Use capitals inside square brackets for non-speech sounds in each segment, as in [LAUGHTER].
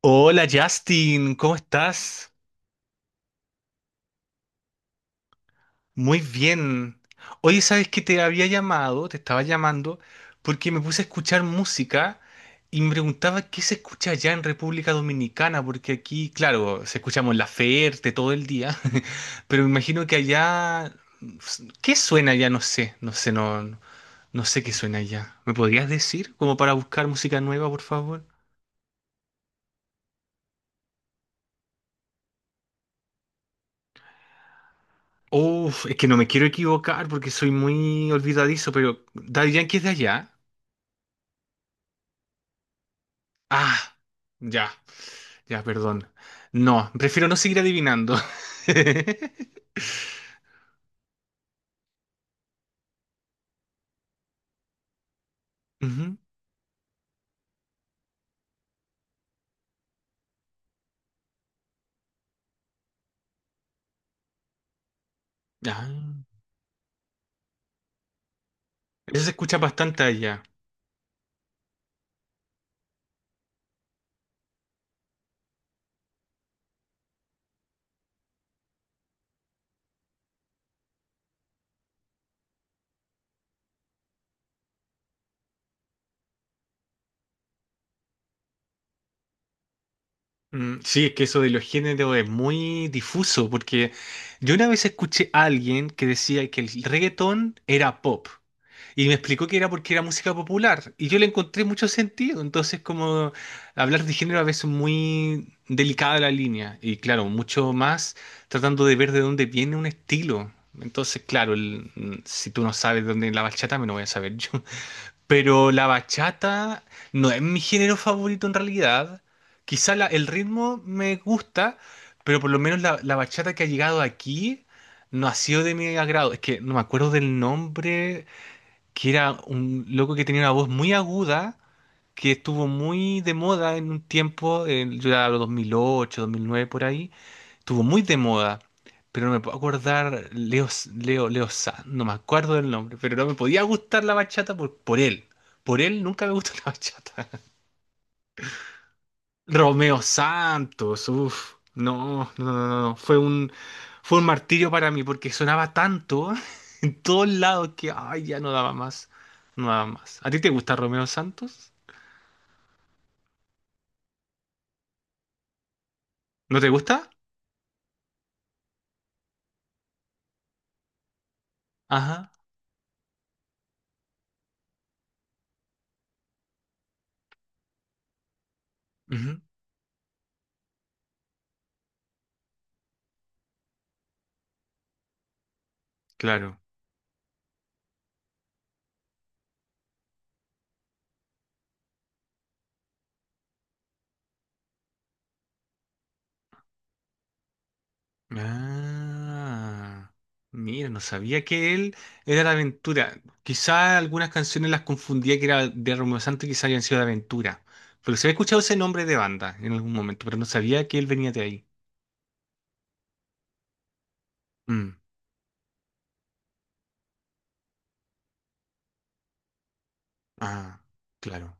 Hola Justin, ¿cómo estás? Muy bien. Oye, ¿sabes que te había llamado? Te estaba llamando porque me puse a escuchar música y me preguntaba qué se escucha allá en República Dominicana, porque aquí, claro, se escuchamos la Ferte todo el día, [LAUGHS] pero me imagino que allá, ¿qué suena allá? No sé, no sé, no sé qué suena allá. ¿Me podrías decir como para buscar música nueva, por favor? Uf, es que no me quiero equivocar porque soy muy olvidadizo, pero Daddy Yankee es de allá. Ah, ya, ya, perdón. No, prefiero no seguir adivinando. [LAUGHS] Ujú. Ah, eso se escucha bastante allá. Mm, sí, es que eso de los géneros es muy difuso, porque yo una vez escuché a alguien que decía que el reggaetón era pop. Y me explicó que era porque era música popular. Y yo le encontré mucho sentido. Entonces, como hablar de género a veces es muy delicada la línea. Y claro, mucho más tratando de ver de dónde viene un estilo. Entonces, claro, si tú no sabes de dónde es la bachata, me lo voy a saber yo. [LAUGHS] Pero la bachata no es mi género favorito en realidad. Quizá el ritmo me gusta, pero por lo menos la bachata que ha llegado aquí no ha sido de mi agrado. Es que no me acuerdo del nombre, que era un loco que tenía una voz muy aguda, que estuvo muy de moda en un tiempo, en, yo era los 2008, 2009 por ahí, estuvo muy de moda, pero no me puedo acordar, Leo, Leo Sanz, no me acuerdo del nombre, pero no me podía gustar la bachata por él, por él nunca me gustó [LAUGHS] la bachata. Romeo Santos, uff, no, no, no, no, no, fue un martirio para mí porque sonaba tanto [LAUGHS] en todos lados que, ay, ya no daba más, no daba más. ¿A ti te gusta Romeo Santos? ¿No te gusta? Ajá, ujú, claro. Ah, mira, no sabía que él era de Aventura. Quizá algunas canciones las confundía que era de Romeo Santos y quizá habían sido de Aventura. Pero se había escuchado ese nombre de banda en algún momento, pero no sabía que él venía de ahí. Mm. Ah, claro.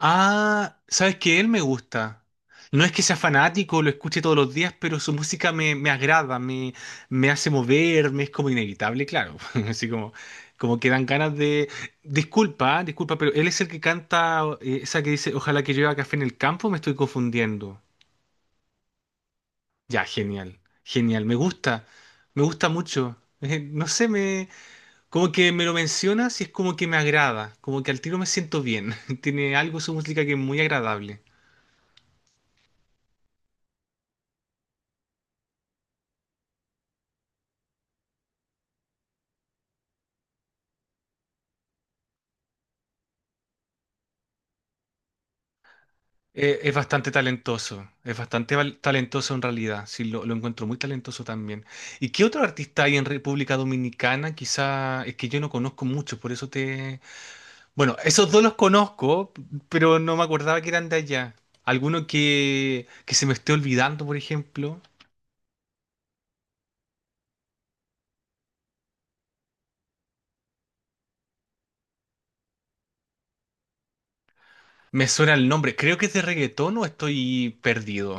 Ah, ¿sabes qué? Él me gusta. No es que sea fanático, lo escuche todos los días, pero su música me agrada, me hace mover, me es como inevitable, claro. [LAUGHS] Así como, como que dan ganas de... Disculpa, disculpa, pero él es el que canta esa que dice, ojalá que llueva café en el campo, me estoy confundiendo. Ya, genial, genial, me gusta mucho. [LAUGHS] No sé, como que me lo mencionas y es como que me agrada, como que al tiro me siento bien. [LAUGHS] Tiene algo su música que es muy agradable. Es bastante talentoso, es bastante talentoso en realidad, sí, lo encuentro muy talentoso también. ¿Y qué otro artista hay en República Dominicana? Quizá es que yo no conozco muchos, por eso te... Bueno, esos dos los conozco, pero no me acordaba que eran de allá. Alguno que se me esté olvidando, por ejemplo. Me suena el nombre, creo que es de reggaetón o estoy perdido.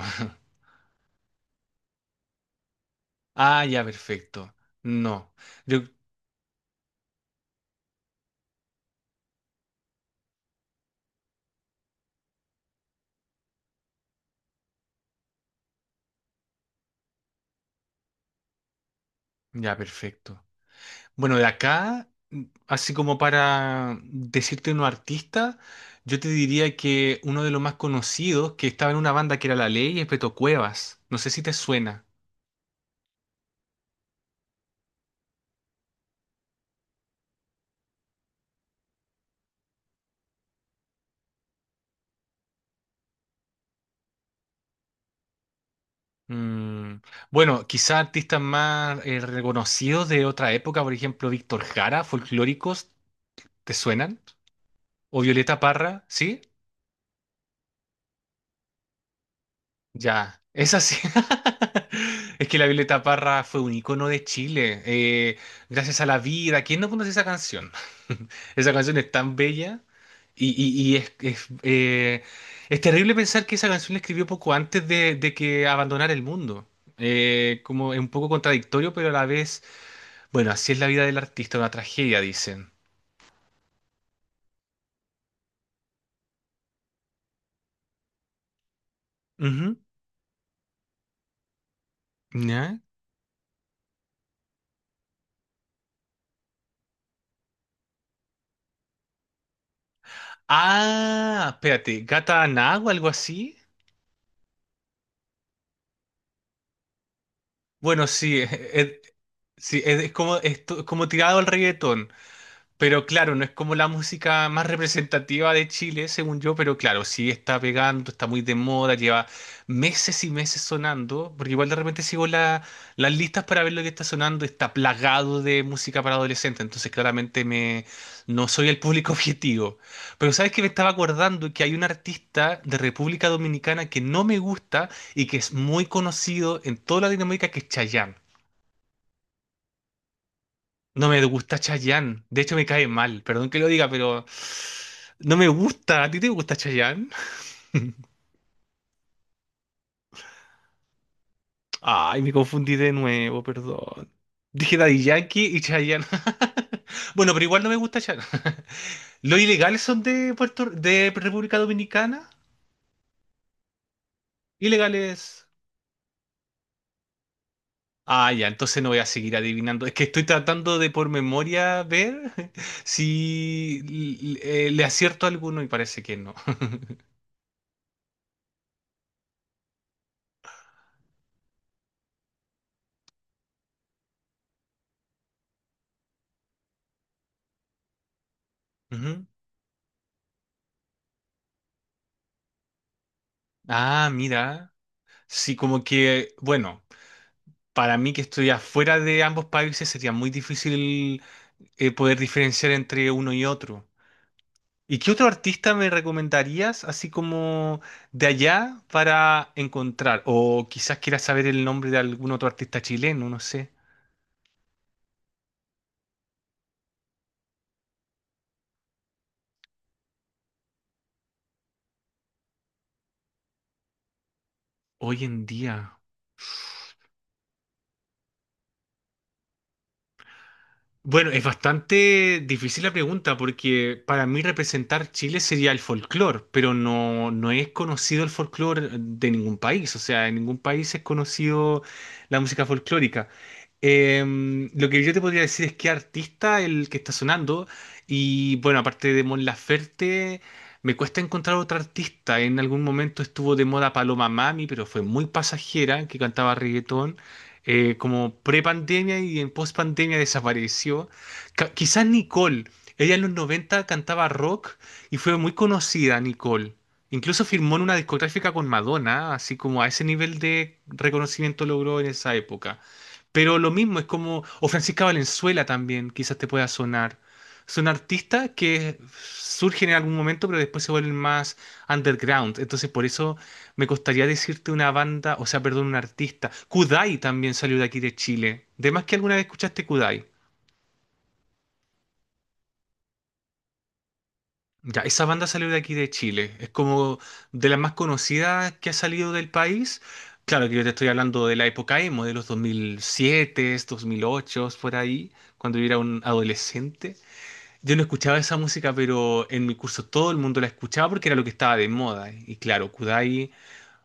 Ah, ya, perfecto. No. Yo, ya, perfecto. Bueno, de acá, así como para decirte unos artista, yo te diría que uno de los más conocidos que estaba en una banda que era La Ley es Beto Cuevas. No sé si te suena. Mm, bueno, quizá artistas más reconocidos de otra época, por ejemplo, Víctor Jara, folclóricos, ¿te suenan? O Violeta Parra, ¿sí? Ya, es así. [LAUGHS] Es que la Violeta Parra fue un icono de Chile. Gracias a la vida. ¿Quién no conoce esa canción? [LAUGHS] Esa canción es tan bella y es terrible pensar que esa canción la escribió poco antes de que abandonara el mundo. Como es un poco contradictorio, pero a la vez, bueno, así es la vida del artista, una tragedia, dicen. Ujú, ¿ya? Ah, espérate, Gata Aná o algo así. Bueno, sí, [LAUGHS] sí, es como, como tirado al reggaetón. Pero claro, no es como la música más representativa de Chile, según yo, pero claro, sí está pegando, está muy de moda, lleva meses y meses sonando, porque igual de repente sigo las listas para ver lo que está sonando, está plagado de música para adolescentes, entonces claramente no soy el público [LAUGHS] objetivo. Pero sabes que me estaba acordando que hay un artista de República Dominicana que no me gusta y que es muy conocido en toda la Latinoamérica, que es Chayanne. No me gusta Chayanne. De hecho, me cae mal. Perdón que lo diga, pero no me gusta. ¿A ti te gusta Chayanne? Ay, me confundí de nuevo, perdón. Dije Daddy Yankee y Chayanne. [LAUGHS] Bueno, pero igual no me gusta Chayanne. [LAUGHS] ¿Los ilegales son de Puerto, de República Dominicana? ¿Ilegales? Ah, ya, entonces no voy a seguir adivinando. Es que estoy tratando de por memoria ver [LAUGHS] si le acierto a alguno y parece que no. [LAUGHS] Ujú. Ah, mira. Sí, como que, bueno, para mí que estoy afuera de ambos países sería muy difícil poder diferenciar entre uno y otro. ¿Y qué otro artista me recomendarías, así como de allá, para encontrar? O quizás quieras saber el nombre de algún otro artista chileno, no sé. Hoy en día. Bueno, es bastante difícil la pregunta porque para mí representar Chile sería el folclore, pero no, no es conocido el folclore de ningún país, o sea, en ningún país es conocido la música folclórica. Lo que yo te podría decir es qué artista el que está sonando y bueno, aparte de Mon Laferte, me cuesta encontrar otro artista. En algún momento estuvo de moda Paloma Mami, pero fue muy pasajera, que cantaba reggaetón como pre-pandemia y en post-pandemia desapareció. Quizás Nicole, ella en los 90 cantaba rock y fue muy conocida, Nicole. Incluso firmó en una discográfica con Madonna, así como a ese nivel de reconocimiento logró en esa época. Pero lo mismo es como, o Francisca Valenzuela también, quizás te pueda sonar. Son artistas que surgen en algún momento, pero después se vuelven más underground. Entonces, por eso me costaría decirte una banda, o sea, perdón, un artista. Kudai también salió de aquí de Chile. De más que alguna vez escuchaste Kudai. Ya, esa banda salió de aquí de Chile. Es como de las más conocidas que ha salido del país. Claro que yo te estoy hablando de la época emo, de los 2007, 2008, por ahí, cuando yo era un adolescente. Yo no escuchaba esa música, pero en mi curso todo el mundo la escuchaba porque era lo que estaba de moda. Y claro, Kudai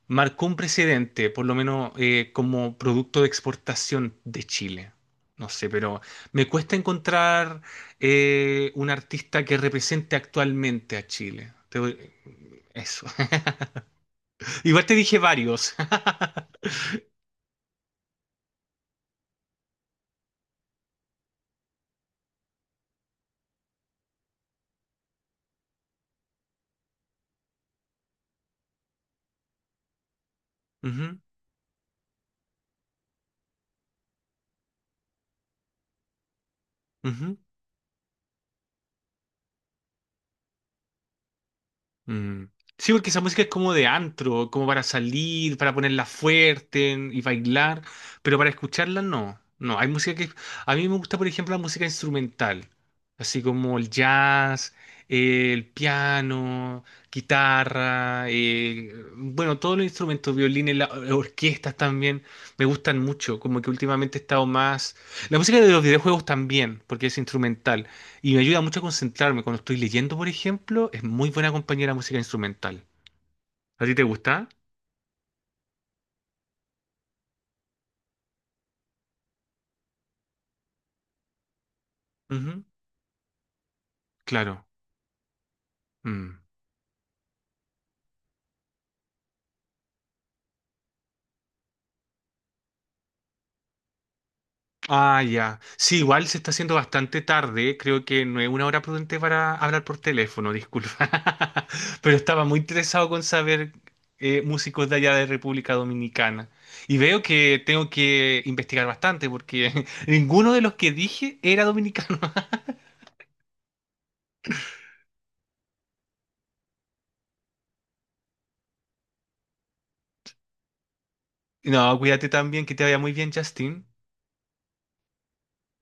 marcó un precedente, por lo menos como producto de exportación de Chile. No sé, pero me cuesta encontrar un artista que represente actualmente a Chile. Te voy- Eso. [LAUGHS] Igual te dije varios. [LAUGHS] Ujú, ujú. Mm. Sí, porque esa música es como de antro, como para salir, para ponerla fuerte y bailar, pero para escucharla no. No, hay música que... A mí me gusta, por ejemplo, la música instrumental, así como el jazz, el piano, guitarra, bueno, todos los instrumentos, violines, orquestas también, me gustan mucho, como que últimamente he estado más... La música de los videojuegos también, porque es instrumental. Y me ayuda mucho a concentrarme. Cuando estoy leyendo, por ejemplo, es muy buena compañía la música instrumental. ¿A ti te gusta? Ujú, claro. Mm. Ah, ya. Sí, igual se está haciendo bastante tarde. Creo que no es una hora prudente para hablar por teléfono, disculpa. [LAUGHS] Pero estaba muy interesado con saber músicos de allá de República Dominicana. Y veo que tengo que investigar bastante porque [LAUGHS] ninguno de los que dije era dominicano. [LAUGHS] No, cuídate también, que te vaya muy bien, Justin.